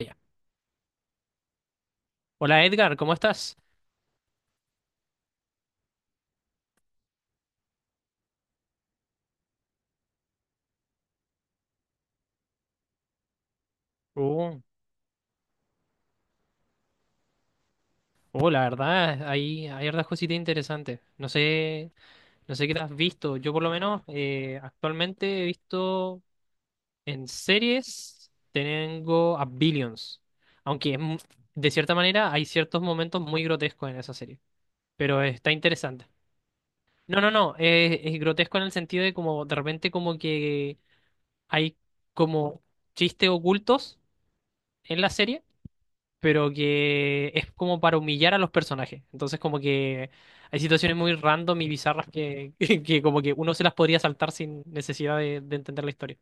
Ya. Hola Edgar, ¿cómo estás? Uh, la verdad, hay hartas cositas interesantes. No sé qué te has visto. Yo por lo menos actualmente he visto en series, tengo a Billions. Aunque de cierta manera hay ciertos momentos muy grotescos en esa serie. Pero está interesante. No, no, no. Es grotesco en el sentido de como de repente como que hay como chistes ocultos en la serie, pero que es como para humillar a los personajes. Entonces, como que hay situaciones muy random y bizarras que, que como que uno se las podría saltar sin necesidad de entender la historia.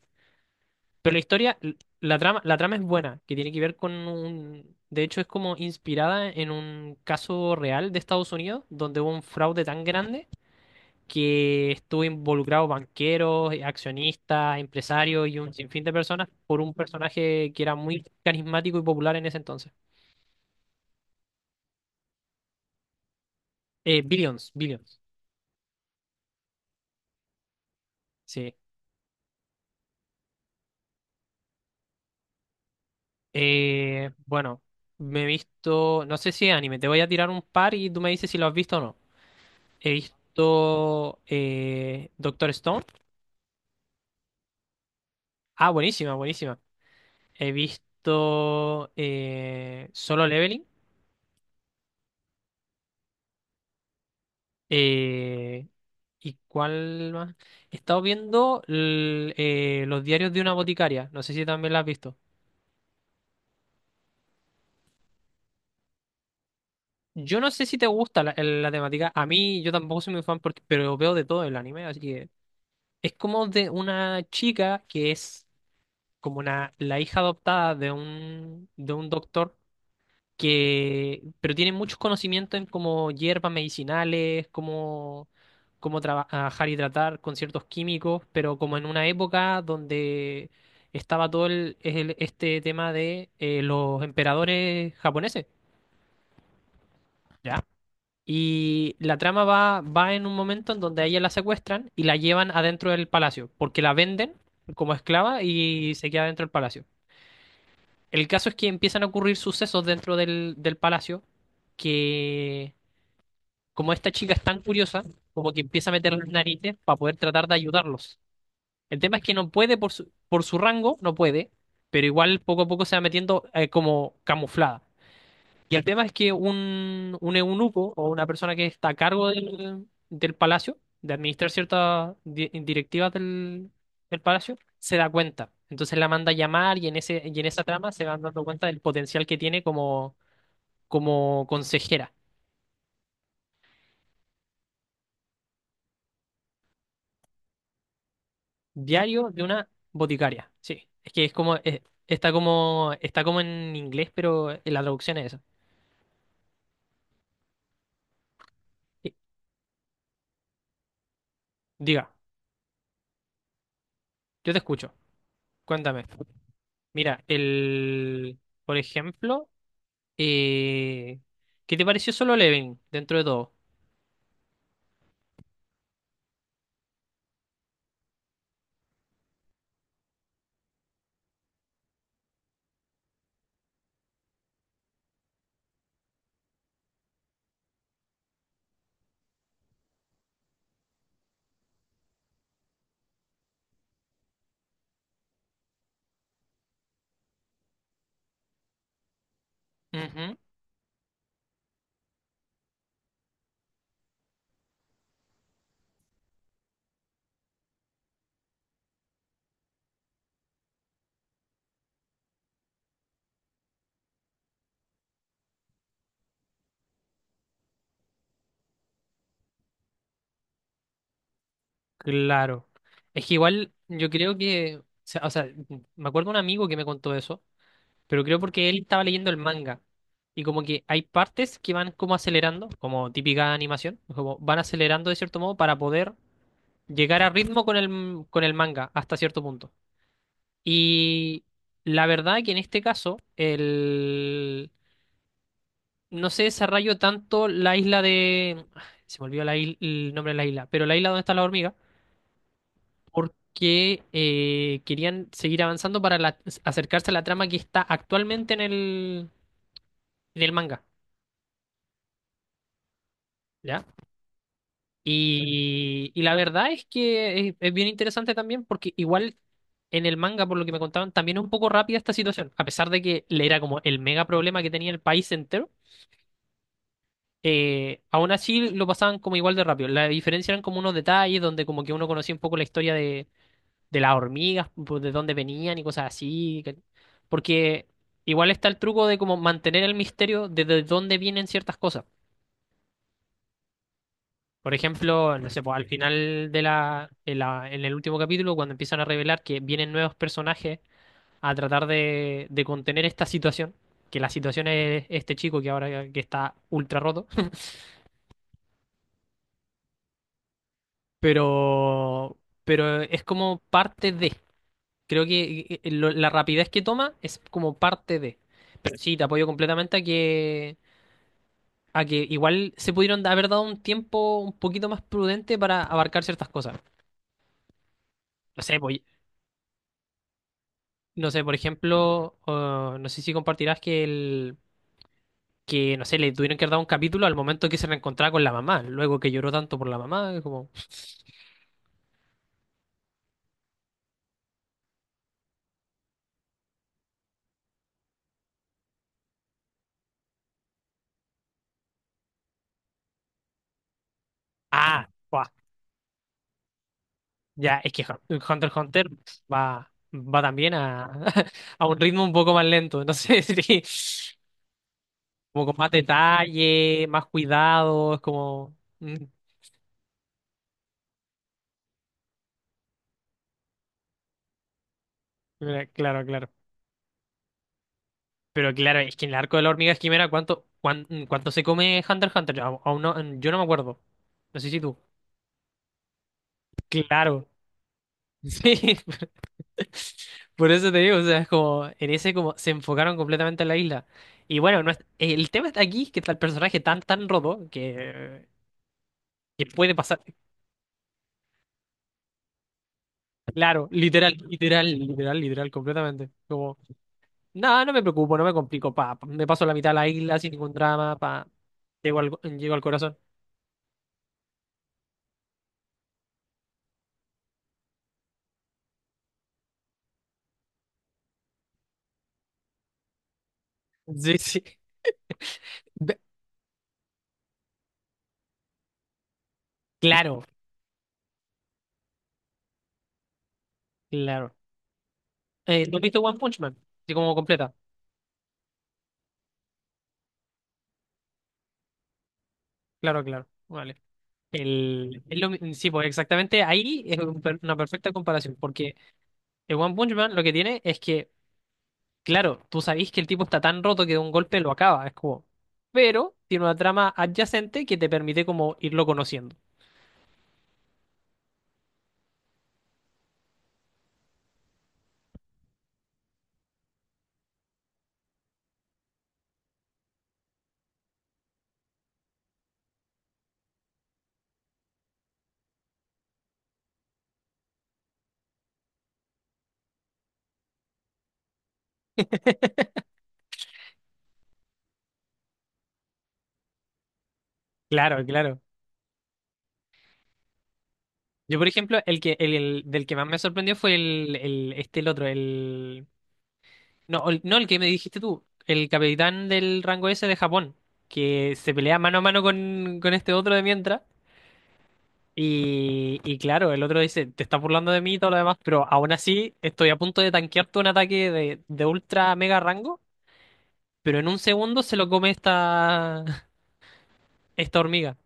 Pero la historia, la trama es buena, que tiene que ver con un. De hecho, es como inspirada en un caso real de Estados Unidos, donde hubo un fraude tan grande que estuvo involucrado banqueros, accionistas, empresarios y un sinfín de personas por un personaje que era muy carismático y popular en ese entonces. Billions, Billions. Sí. Bueno, me he visto, no sé si es anime, te voy a tirar un par y tú me dices si lo has visto o no. He visto Doctor Stone. Ah, buenísima, buenísima. He visto Solo Leveling. Eh, ¿Y cuál más? He estado viendo Los diarios de una boticaria. No sé si también la has visto. Yo no sé si te gusta la temática. A mí, yo tampoco soy muy fan, pero veo de todo el anime, así que es como de una chica que es como la hija adoptada de un doctor, que, pero tiene muchos conocimientos en como hierbas medicinales, cómo trabajar y tratar con ciertos químicos, pero como en una época donde estaba todo este tema de los emperadores japoneses, ¿ya? Y la trama va en un momento en donde a ella la secuestran y la llevan adentro del palacio, porque la venden como esclava y se queda dentro del palacio. El caso es que empiezan a ocurrir sucesos dentro del palacio, que, como esta chica es tan curiosa, como que empieza a meter las narices para poder tratar de ayudarlos. El tema es que no puede por su rango, no puede, pero igual poco a poco se va metiendo como camuflada. Y el tema es que un eunuco o una persona que está a cargo del palacio, de administrar ciertas directivas del palacio, se da cuenta. Entonces la manda a llamar y en esa trama se van dando cuenta del potencial que tiene como consejera. Diario de una boticaria. Sí, es que es como, es- está como en inglés, pero en la traducción es esa. Y- Diga, yo te escucho. Cuéntame. Mira, por ejemplo. Eh, ¿Qué te pareció Solo Leveling dentro de todo? Ujú. Claro. Es que igual yo creo que, o sea, me acuerdo un amigo que me contó eso, pero creo porque él estaba leyendo el manga. Y como que hay partes que van como acelerando, como típica animación, como van acelerando de cierto modo para poder llegar a ritmo con el manga hasta cierto punto. Y la verdad que en este caso, no se desarrolló tanto la isla. Se me olvidó el nombre de la isla, pero la isla donde está la hormiga, porque querían seguir avanzando acercarse a la trama que está actualmente en el manga, ¿ya? Y la verdad es que es bien interesante también, porque igual en el manga, por lo que me contaban, también es un poco rápida esta situación, a pesar de que le era como el mega problema que tenía el país entero, aún así lo pasaban como igual de rápido. La diferencia eran como unos detalles donde como que uno conocía un poco la historia de las hormigas, pues, de dónde venían y cosas así. Porque igual está el truco de como mantener el misterio de dónde vienen ciertas cosas. Por ejemplo, no sé, pues, al final de la- en el último capítulo, cuando empiezan a revelar que vienen nuevos personajes a tratar de contener esta situación, que la situación es este chico que ahora que está ultra roto. pero, pero es como parte de. Creo que la rapidez que toma es como parte de. Pero sí, te apoyo completamente a que igual se pudieron haber dado un tiempo un poquito más prudente para abarcar ciertas cosas. No sé, pues, no sé, por ejemplo, oh, no sé si compartirás que el que, no sé, le tuvieron que haber dado un capítulo al momento que se reencontraba con la mamá, luego que lloró tanto por la mamá, es como, ah, Ya, es que Hunter x Hunter va también a, a un ritmo un poco más lento. Entonces, sí, como con más detalle, más cuidado, es como. Mira, claro, claro. Pero claro, es que en el arco de la hormiga esquimera, ¿cuánto se come Hunter x Hunter? Yo aún no, yo no me acuerdo. No sé si tú. Claro. Sí. Por eso te digo, o sea, es como. En ese, como. Se enfocaron completamente en la isla. Y bueno, no es- el tema está aquí, que está el personaje tan, tan roto, que puede pasar, claro, literal, literal, literal, literal, completamente. Como, nada, no me preocupo, no me complico, pa, pa, me paso la mitad de la isla sin ningún drama, pa, llego al, llego al corazón. Sí, sí. Ve- Claro, claro. ¿No has visto One Punch Man? Así como completa. Claro, claro, vale. El, es lo mi- Sí, pues exactamente ahí es una perfecta comparación, porque el One Punch Man lo que tiene es que. Claro, tú sabés que el tipo está tan roto que de un golpe lo acaba, es como. Pero tiene una trama adyacente que te permite como irlo conociendo. Claro, claro. Yo, por ejemplo, el que, el- del que más me sorprendió fue el otro. No, el que me dijiste tú, el capitán del rango S de Japón, que se pelea mano a mano con este otro de mientras. Y claro, el otro dice, te estás burlando de mí y todo lo demás, pero aún así estoy a punto de tanquearte un ataque de ultra mega rango, pero en un segundo se lo come esta, esta hormiga.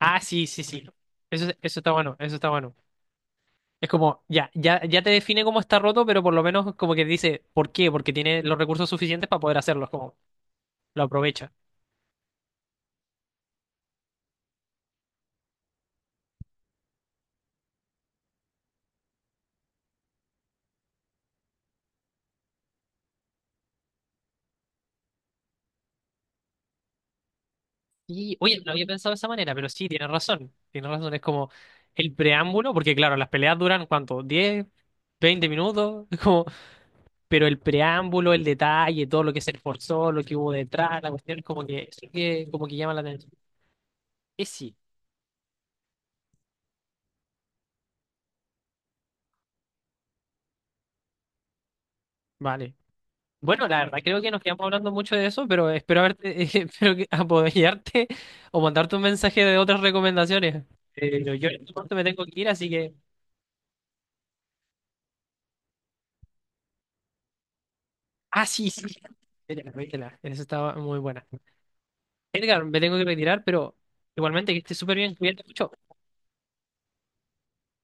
Ah, sí, sí, sí. Eso está bueno, eso está bueno. Es como, ya, ya, ya te define cómo está roto, pero por lo menos como que dice, ¿por qué? Porque tiene los recursos suficientes para poder hacerlo, es como, lo aprovecha. Y, oye, no había pensado de esa manera, pero sí, tienes razón. Tienes razón, es como el preámbulo, porque claro, las peleas duran, ¿cuánto? ¿10 20 minutos? Es como, pero el preámbulo, el detalle, todo lo que se esforzó, lo que hubo detrás, la cuestión, como que, eso que, como que llama la atención. Sí. Vale. Bueno, la verdad creo que nos quedamos hablando mucho de eso, pero espero haberte, espero apoyarte o mandarte un mensaje de otras recomendaciones. Pero yo en este momento me tengo que ir, así que. Ah, sí, sí. Vítela, vítela. Esa estaba muy buena. Edgar, me tengo que retirar, pero igualmente que estés súper bien. Cuídate mucho.